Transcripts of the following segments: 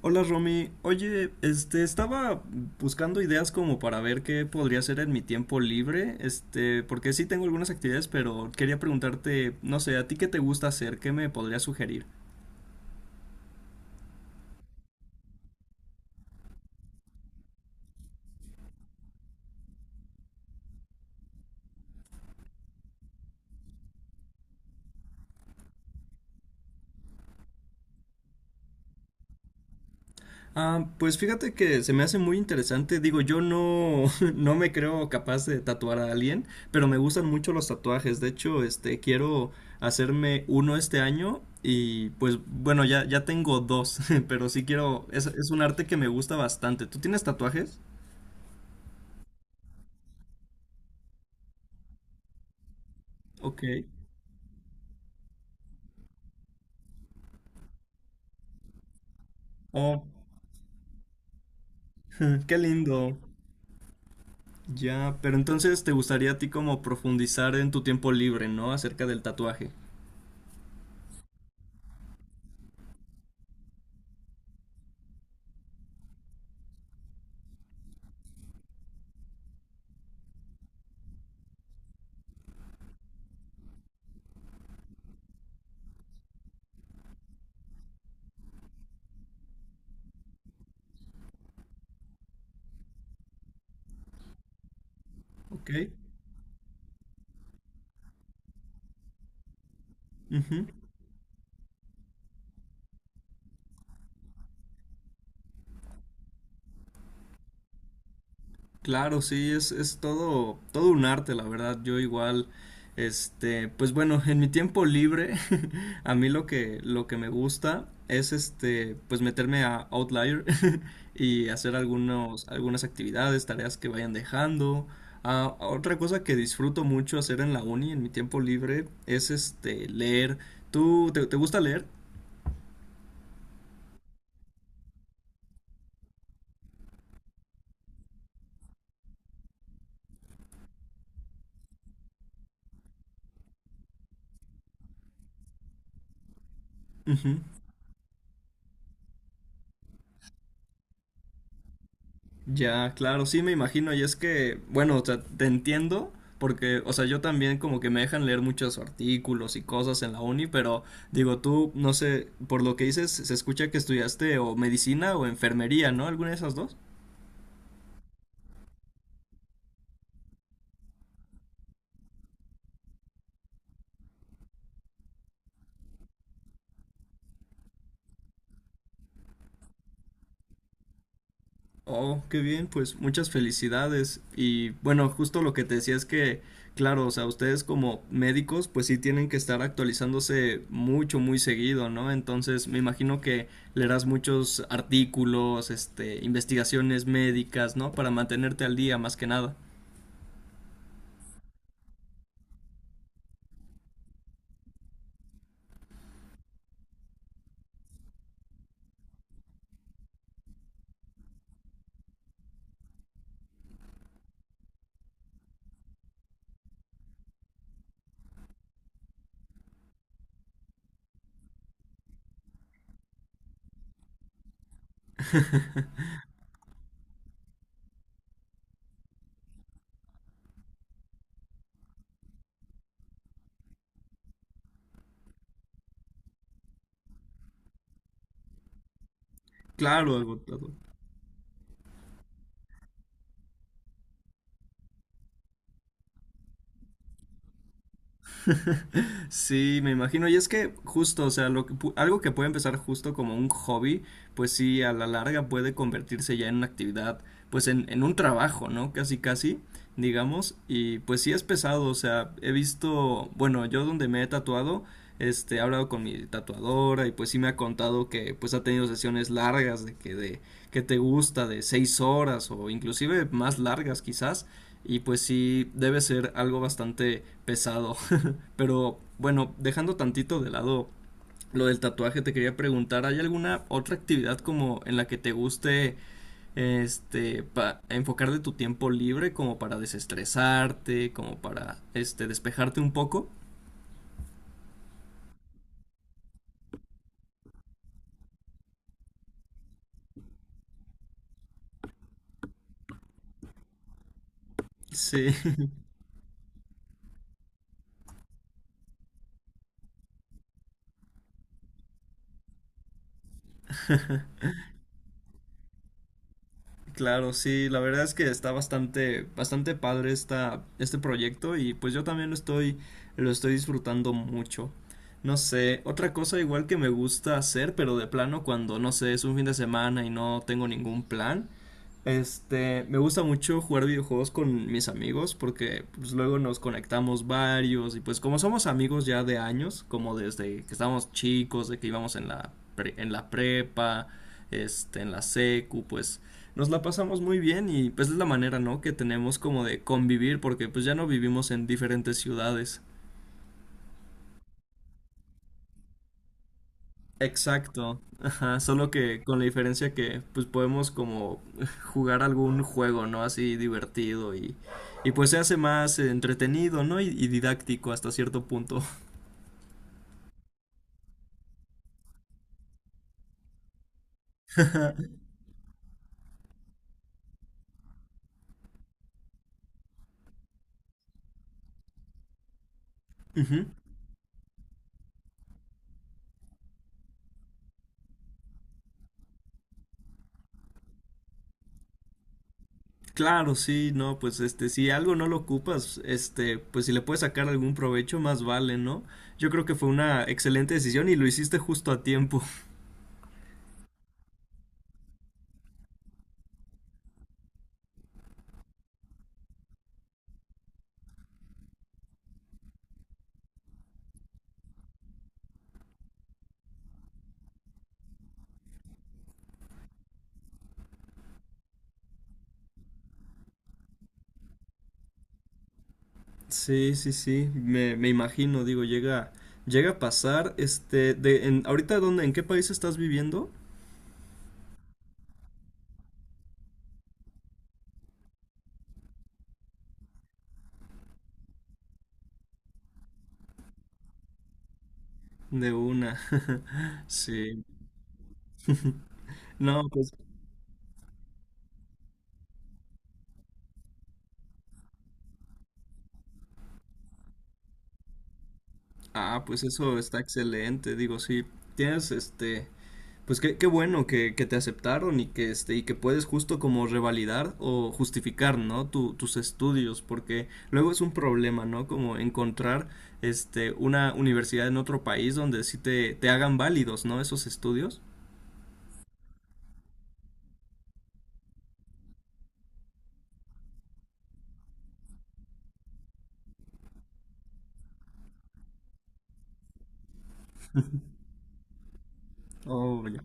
Hola Romy, oye, estaba buscando ideas como para ver qué podría hacer en mi tiempo libre, porque sí tengo algunas actividades, pero quería preguntarte, no sé, ¿a ti qué te gusta hacer? ¿Qué me podrías sugerir? Ah, pues fíjate que se me hace muy interesante, digo, yo no, no me creo capaz de tatuar a alguien, pero me gustan mucho los tatuajes, de hecho, quiero hacerme uno este año y pues bueno, ya tengo dos, pero sí quiero, es un arte que me gusta bastante. ¿Tú tienes tatuajes? Ok. Oh, qué lindo. Ya, pero entonces te gustaría a ti como profundizar en tu tiempo libre, ¿no? Acerca del tatuaje. Ok. Ujú. Claro, sí, es todo un arte, la verdad. Yo igual, pues bueno, en mi tiempo libre, a mí lo que me gusta es pues meterme a Outlier y hacer algunas actividades, tareas que vayan dejando. Ah, otra cosa que disfruto mucho hacer en la uni, en mi tiempo libre, es leer. ¿Tú te gusta leer? Ujú. Ya, claro, sí me imagino, y es que, bueno, o sea, te entiendo, porque, o sea, yo también como que me dejan leer muchos artículos y cosas en la uni, pero digo, tú, no sé, por lo que dices, se escucha que estudiaste o medicina o enfermería, ¿no? ¿Alguna de esas dos? Oh, qué bien, pues muchas felicidades. Y bueno, justo lo que te decía es que, claro, o sea, ustedes como médicos, pues sí tienen que estar actualizándose mucho, muy seguido, ¿no? Entonces, me imagino que leerás muchos artículos, investigaciones médicas, ¿no? Para mantenerte al día, más que nada. Claro, agotador. Sí, me imagino. Y es que justo, o sea, algo que puede empezar justo como un hobby, pues sí, a la larga puede convertirse ya en una actividad, pues en un trabajo, ¿no? Casi, digamos. Y pues sí es pesado, o sea, he visto, bueno, yo donde me he tatuado, he hablado con mi tatuadora y pues sí me ha contado que pues ha tenido sesiones largas de que te gusta de 6 horas o inclusive más largas quizás. Y pues sí, debe ser algo bastante pesado. Pero bueno, dejando tantito de lado lo del tatuaje, te quería preguntar, ¿hay alguna otra actividad como en la que te guste enfocar de tu tiempo libre como para desestresarte, como para despejarte un poco? Sí. Claro, sí, la verdad es que está bastante padre este proyecto y pues yo también lo estoy disfrutando mucho. No sé, otra cosa igual que me gusta hacer, pero de plano cuando, no sé, es un fin de semana y no tengo ningún plan, me gusta mucho jugar videojuegos con mis amigos porque pues luego nos conectamos varios y pues como somos amigos ya de años, como desde que estábamos chicos, de que íbamos en en la prepa, en la secu, pues nos la pasamos muy bien y pues es la manera, ¿no? Que tenemos como de convivir porque pues ya no vivimos en diferentes ciudades. Exacto, ajá, solo que con la diferencia que pues podemos como jugar algún juego, ¿no? Así divertido y pues se hace más entretenido, ¿no? Y didáctico hasta cierto punto. Ujú. Claro, sí, no, pues si algo no lo ocupas, pues si le puedes sacar algún provecho, más vale, ¿no? Yo creo que fue una excelente decisión y lo hiciste justo a tiempo. Sí, me imagino, digo, llega a pasar, ahorita dónde, ¿en qué país estás viviendo? De una, sí, no, pues, ah, pues eso está excelente, digo, sí, tienes, pues qué, qué bueno que te aceptaron y que, y que puedes justo como revalidar o justificar, ¿no? Tus estudios, porque luego es un problema, ¿no? Como encontrar, una universidad en otro país donde sí te hagan válidos, ¿no? Esos estudios. Oh, ya.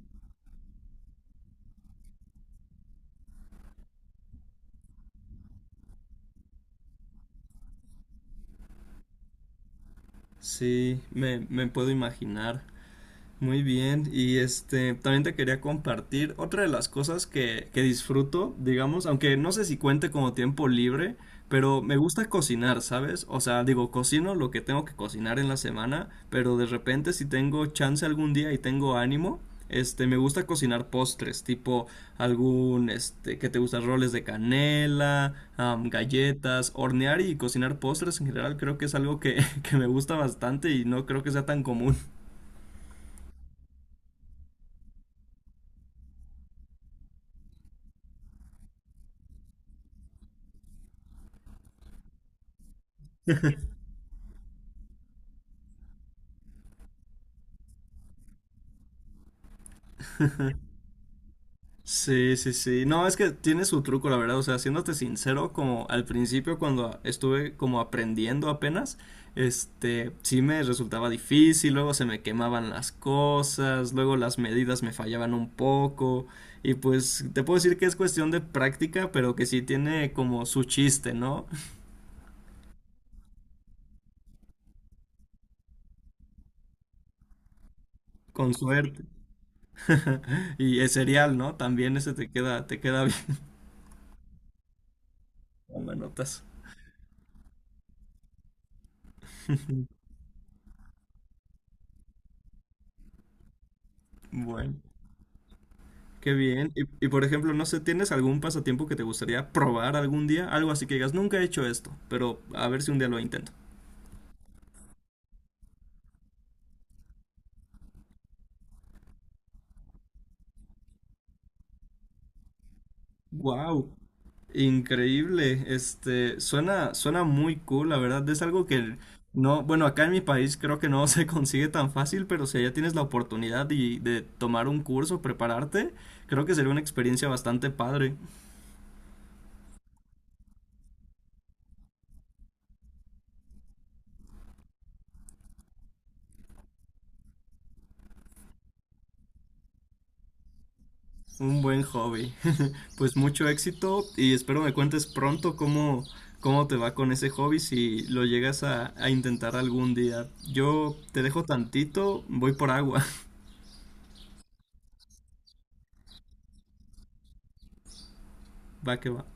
Sí, me puedo imaginar. Muy bien, y también te quería compartir otra de las cosas que disfruto, digamos, aunque no sé si cuente como tiempo libre, pero me gusta cocinar, ¿sabes? O sea, digo, cocino lo que tengo que cocinar en la semana, pero de repente si tengo chance algún día y tengo ánimo, me gusta cocinar postres, tipo que te gustan roles de canela, am, galletas, hornear y cocinar postres en general, creo que es algo que, que me gusta bastante y no creo que sea tan común. Sí, sí, sí. No, es que tiene su truco, la verdad. O sea, siéndote sincero, como al principio cuando estuve como aprendiendo apenas, sí me resultaba difícil, luego se me quemaban las cosas, luego las medidas me fallaban un poco. Y pues te puedo decir que es cuestión de práctica, pero que sí tiene como su chiste, ¿no? Con suerte. Y es serial, ¿no? También ese te queda bien. Tomanotas. Bueno. Qué bien. Y, por ejemplo, no sé, ¿tienes algún pasatiempo que te gustaría probar algún día? Algo así que digas, nunca he hecho esto, pero a ver si un día lo intento. Wow, increíble. Suena muy cool, la verdad. Es algo que no, bueno, acá en mi país creo que no se consigue tan fácil, pero si ya tienes la oportunidad y de tomar un curso, prepararte, creo que sería una experiencia bastante padre. Un buen hobby. Pues mucho éxito y espero me cuentes pronto cómo, cómo te va con ese hobby si lo llegas a intentar algún día. Yo te dejo tantito, voy por agua. Va que va.